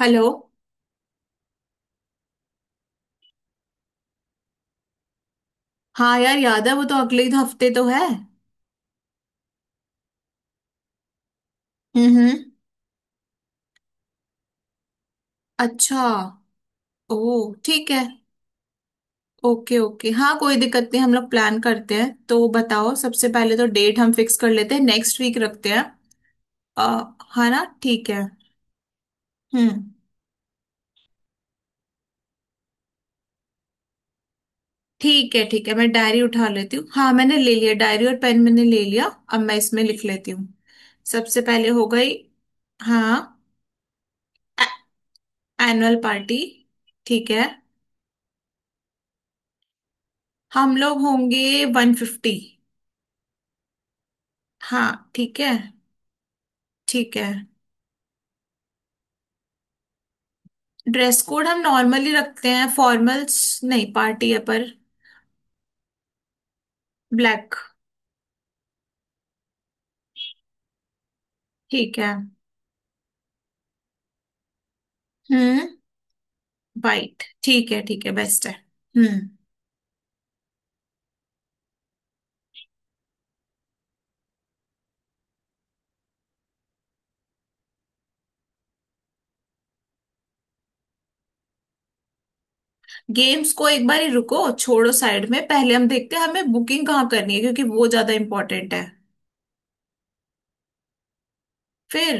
Hello. हाँ यार, याद है, वो तो अगले ही तो हफ्ते तो है। हम्म। अच्छा। ओ। ठीक है। ओके ओके, हाँ कोई दिक्कत नहीं, हम लोग प्लान करते हैं, तो बताओ सबसे पहले तो डेट हम फिक्स कर लेते हैं, नेक्स्ट वीक रखते हैं। अ, हाँ ना, ठीक है। हम्म। ठीक है ठीक है, मैं डायरी उठा लेती हूँ। हाँ, मैंने ले लिया डायरी और पेन मैंने ले लिया। अब मैं इसमें लिख लेती हूँ। सबसे पहले हो गई। हाँ। Annual party. ठीक है। हम लोग होंगे 150। हाँ। ठीक है। ठीक है। ड्रेस कोड हम नॉर्मली रखते हैं फॉर्मल्स, नहीं पार्टी है पर। ब्लैक। ठीक है। हम्म। वाइट ठीक है, ठीक है, बेस्ट है। हम्म। गेम्स को एक बार ही रुको, छोड़ो साइड में, पहले हम देखते हैं हमें बुकिंग कहाँ करनी है, क्योंकि वो ज्यादा इम्पोर्टेंट है। फिर?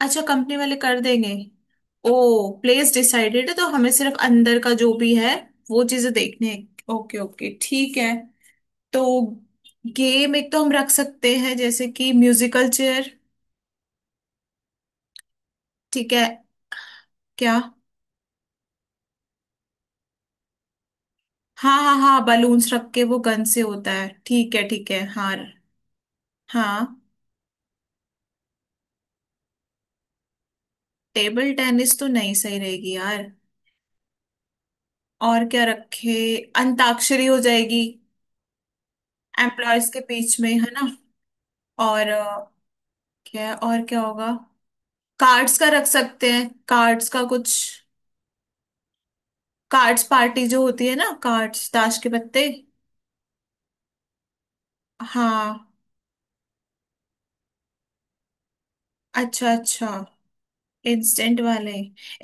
अच्छा, कंपनी वाले कर देंगे। ओ, प्लेस डिसाइडेड है तो हमें सिर्फ अंदर का जो भी है वो चीजें देखने हैं। ओके ओके ठीक है। तो गेम एक तो हम रख सकते हैं जैसे कि म्यूजिकल चेयर। ठीक है। क्या? हाँ हाँ हाँ, बलून्स रख के वो गन से होता है, ठीक है ठीक है हाँ। हाँ। टेबल टेनिस तो नहीं सही रहेगी यार। और क्या रखे? अंताक्षरी हो जाएगी, एम्प्लॉयर्स के बीच में, है ना। और क्या और क्या होगा? कार्ड्स का रख सकते हैं, कार्ड्स का कुछ। कार्ड्स पार्टी जो होती है ना, कार्ड्स, ताश के पत्ते। हाँ। अच्छा अच्छा, इंस्टेंट वाले।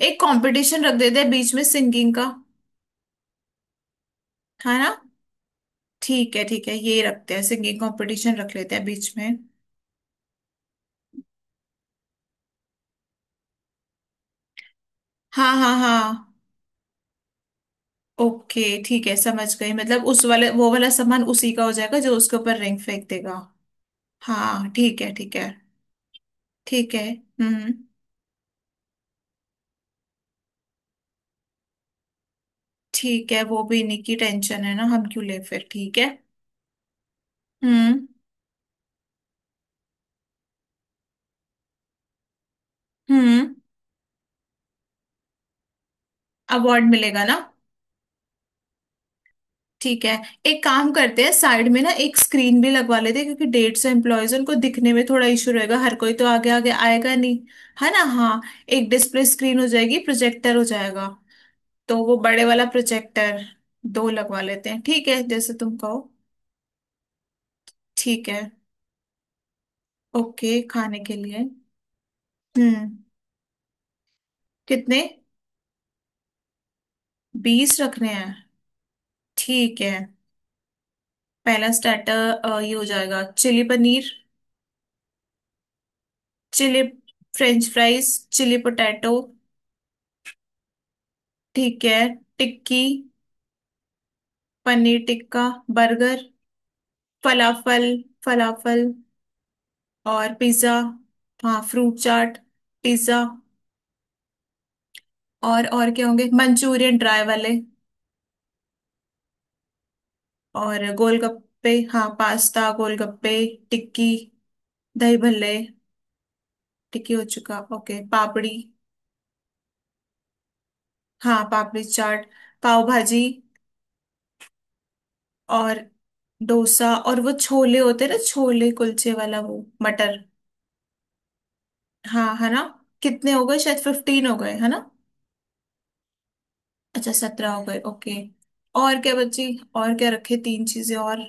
एक कंपटीशन रख देते हैं बीच में सिंगिंग का, है ना। ठीक है ठीक है, ये रखते हैं, सिंगिंग कंपटीशन रख लेते हैं बीच में। हाँ हाँ हाँ। ओके ठीक है, समझ गई, मतलब उस वाले वो वाला सामान उसी का हो जाएगा जो उसके ऊपर रिंग फेंक देगा। हाँ ठीक है ठीक है। ठीक है। हम्म। ठीक है, वो भी इन्हीं की टेंशन है ना, हम क्यों ले फिर, ठीक है। हम्म। हम्म। अवार्ड मिलेगा ना। ठीक है। एक काम करते हैं, साइड में ना एक स्क्रीन भी लगवा लेते हैं, क्योंकि 150 एम्प्लॉयज, उनको दिखने में थोड़ा इशू रहेगा, हर कोई तो आगे आगे आएगा नहीं। है ना, हाँ। एक डिस्प्ले स्क्रीन हो जाएगी, प्रोजेक्टर हो जाएगा। तो वो बड़े वाला प्रोजेक्टर। दो लगवा लेते हैं, ठीक है, जैसे तुम कहो। ठीक है। ओके, खाने के लिए। हम्म। कितने? 20 रखने हैं। ठीक है। पहला स्टार्टर ये हो जाएगा, chilli paneer. Chilli. French fries. Chilli potato. ठीक है। Tikki. Paneer tikka. Burger. Falafel. Falafel और पिज्जा। हाँ, फ्रूट चाट, पिज्जा। और क्या होंगे, मंचूरियन ड्राई वाले। और गोलगप्पे, हाँ, पास्ता, गोलगप्पे। टिक्की, दही भल्ले। टिक्की हो चुका। ओके, पापड़ी। हाँ पापड़ी चाट। पाव भाजी। और डोसा। और वो छोले होते हैं ना, छोले कुलचे वाला, वो मटर। हाँ, है ना। कितने हो गए, शायद 15 हो गए, है ना। अच्छा, 17 हो गए, ओके। और क्या बची? और क्या रखे, तीन चीजें और,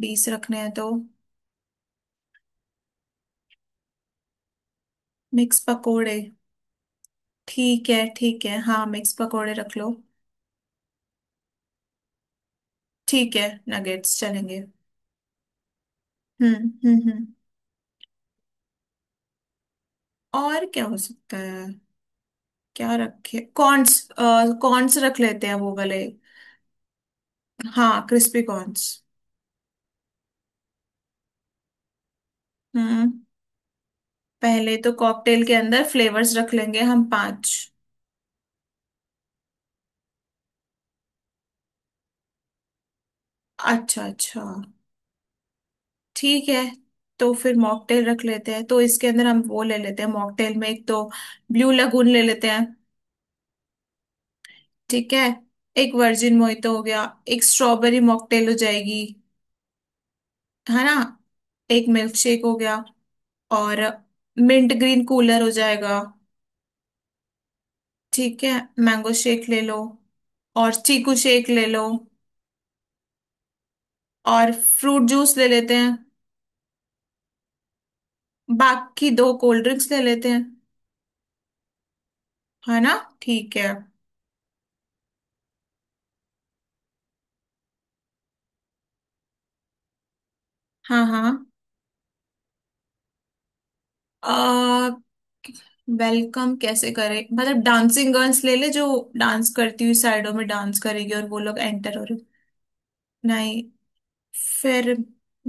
20 रखने हैं तो। मिक्स पकोड़े। ठीक है हाँ, मिक्स पकोड़े रख लो। ठीक है, नगेट्स चलेंगे। हम्म हम्म, और क्या हो सकता है? क्या रखे, कॉर्न्स? कॉर्न्स रख लेते हैं, वो वाले। हाँ, क्रिस्पी कॉर्न्स। हम्म। पहले तो कॉकटेल के अंदर फ्लेवर्स रख लेंगे हम पांच। अच्छा अच्छा, ठीक है। तो फिर मॉकटेल रख लेते हैं, तो इसके अंदर हम वो ले लेते हैं, मॉकटेल में एक तो ब्लू लगून ले लेते हैं। ठीक है। एक वर्जिन मोहितो हो गया। एक स्ट्रॉबेरी मॉकटेल हो जाएगी, है ना। एक मिल्क शेक हो गया। और मिंट ग्रीन कूलर हो जाएगा। ठीक है, मैंगो शेक ले लो और चीकू शेक ले लो। और फ्रूट जूस ले लेते हैं। बाकी दो कोल्ड ड्रिंक्स ले लेते हैं, है ना। ठीक है। हाँ हाँ। वेलकम कैसे करे? मतलब डांसिंग गर्ल्स ले ले, जो डांस करती हुई साइडों में डांस करेगी और वो लोग एंटर हो रहे। नहीं। फिर?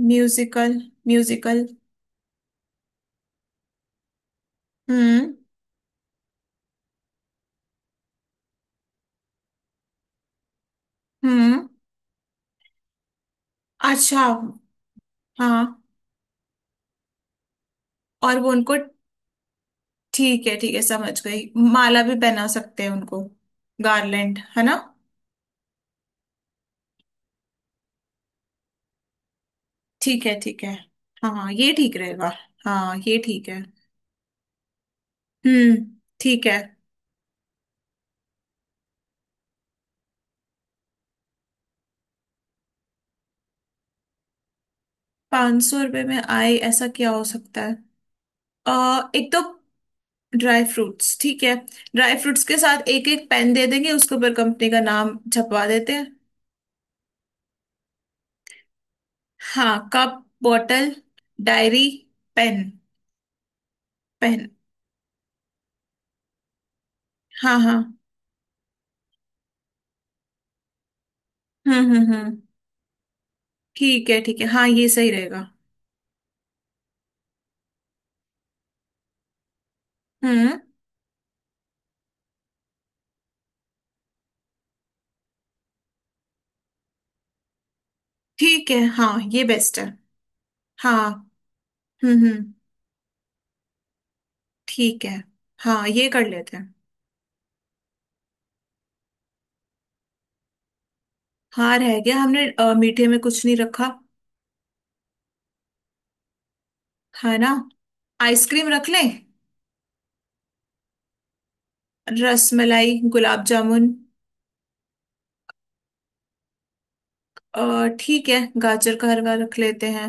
Musical, musical. हम्म। हम्म। अच्छा, हाँ। और वो उनको, ठीक है ठीक है, समझ गई, माला भी पहना सकते हैं उनको, गार्लैंड, है ना। ठीक है हाँ, ये ठीक रहेगा। हाँ, ये ठीक है। हम्म। ठीक है। 500 रुपये में आए, ऐसा क्या हो सकता है? एक तो ड्राई फ्रूट्स। ठीक है, ड्राई फ्रूट्स के साथ एक एक पेन दे देंगे, उसके ऊपर कंपनी का नाम छपवा देते हैं। हाँ, cup bottle diary pen. Pen. हाँ हाँ। हम्म। ठीक है हाँ, ये सही रहेगा। हम्म। ठीक है, हाँ ये बेस्ट है। हाँ। हम्म। ठीक है। हाँ ये कर लेते हैं। हाँ रह गया, हमने मीठे में कुछ नहीं रखा, है ना। आइसक्रीम रख लें। रस मलाई, गुलाब जामुन। ठीक है, गाजर का हलवा रख लेते हैं।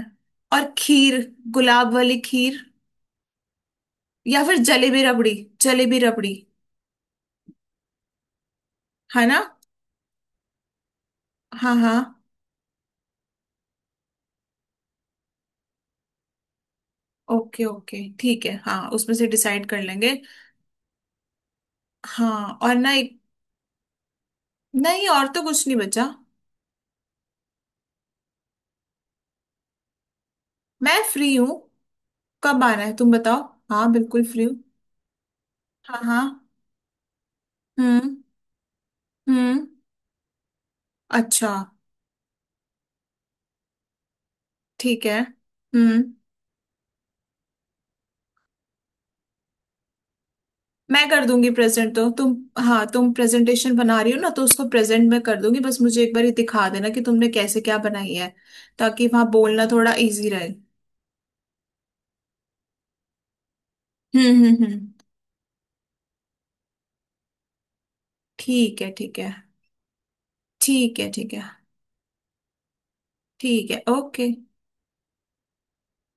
और खीर, गुलाब वाली खीर, या फिर जलेबी रबड़ी। जलेबी रबड़ी, है ना। हाँ हाँ। ओके ओके ठीक है, हाँ उसमें से डिसाइड कर लेंगे। हाँ और ना एक। नहीं, और तो कुछ नहीं बचा। मैं फ्री हूँ, कब आना है तुम बताओ। हाँ बिल्कुल फ्री हूँ। हाँ हाँ। हम्म। हम्म। अच्छा। ठीक है। हम्म। मैं कर दूंगी प्रेजेंट, तो तुम। हाँ, तुम प्रेजेंटेशन बना रही हो ना, तो उसको प्रेजेंट में कर दूंगी, बस मुझे एक बार ये दिखा देना कि तुमने कैसे क्या बनाई है, ताकि वहां बोलना थोड़ा इजी रहे। हम्म। ठीक है ठीक है। ठीक है ठीक है ठीक है। ओके।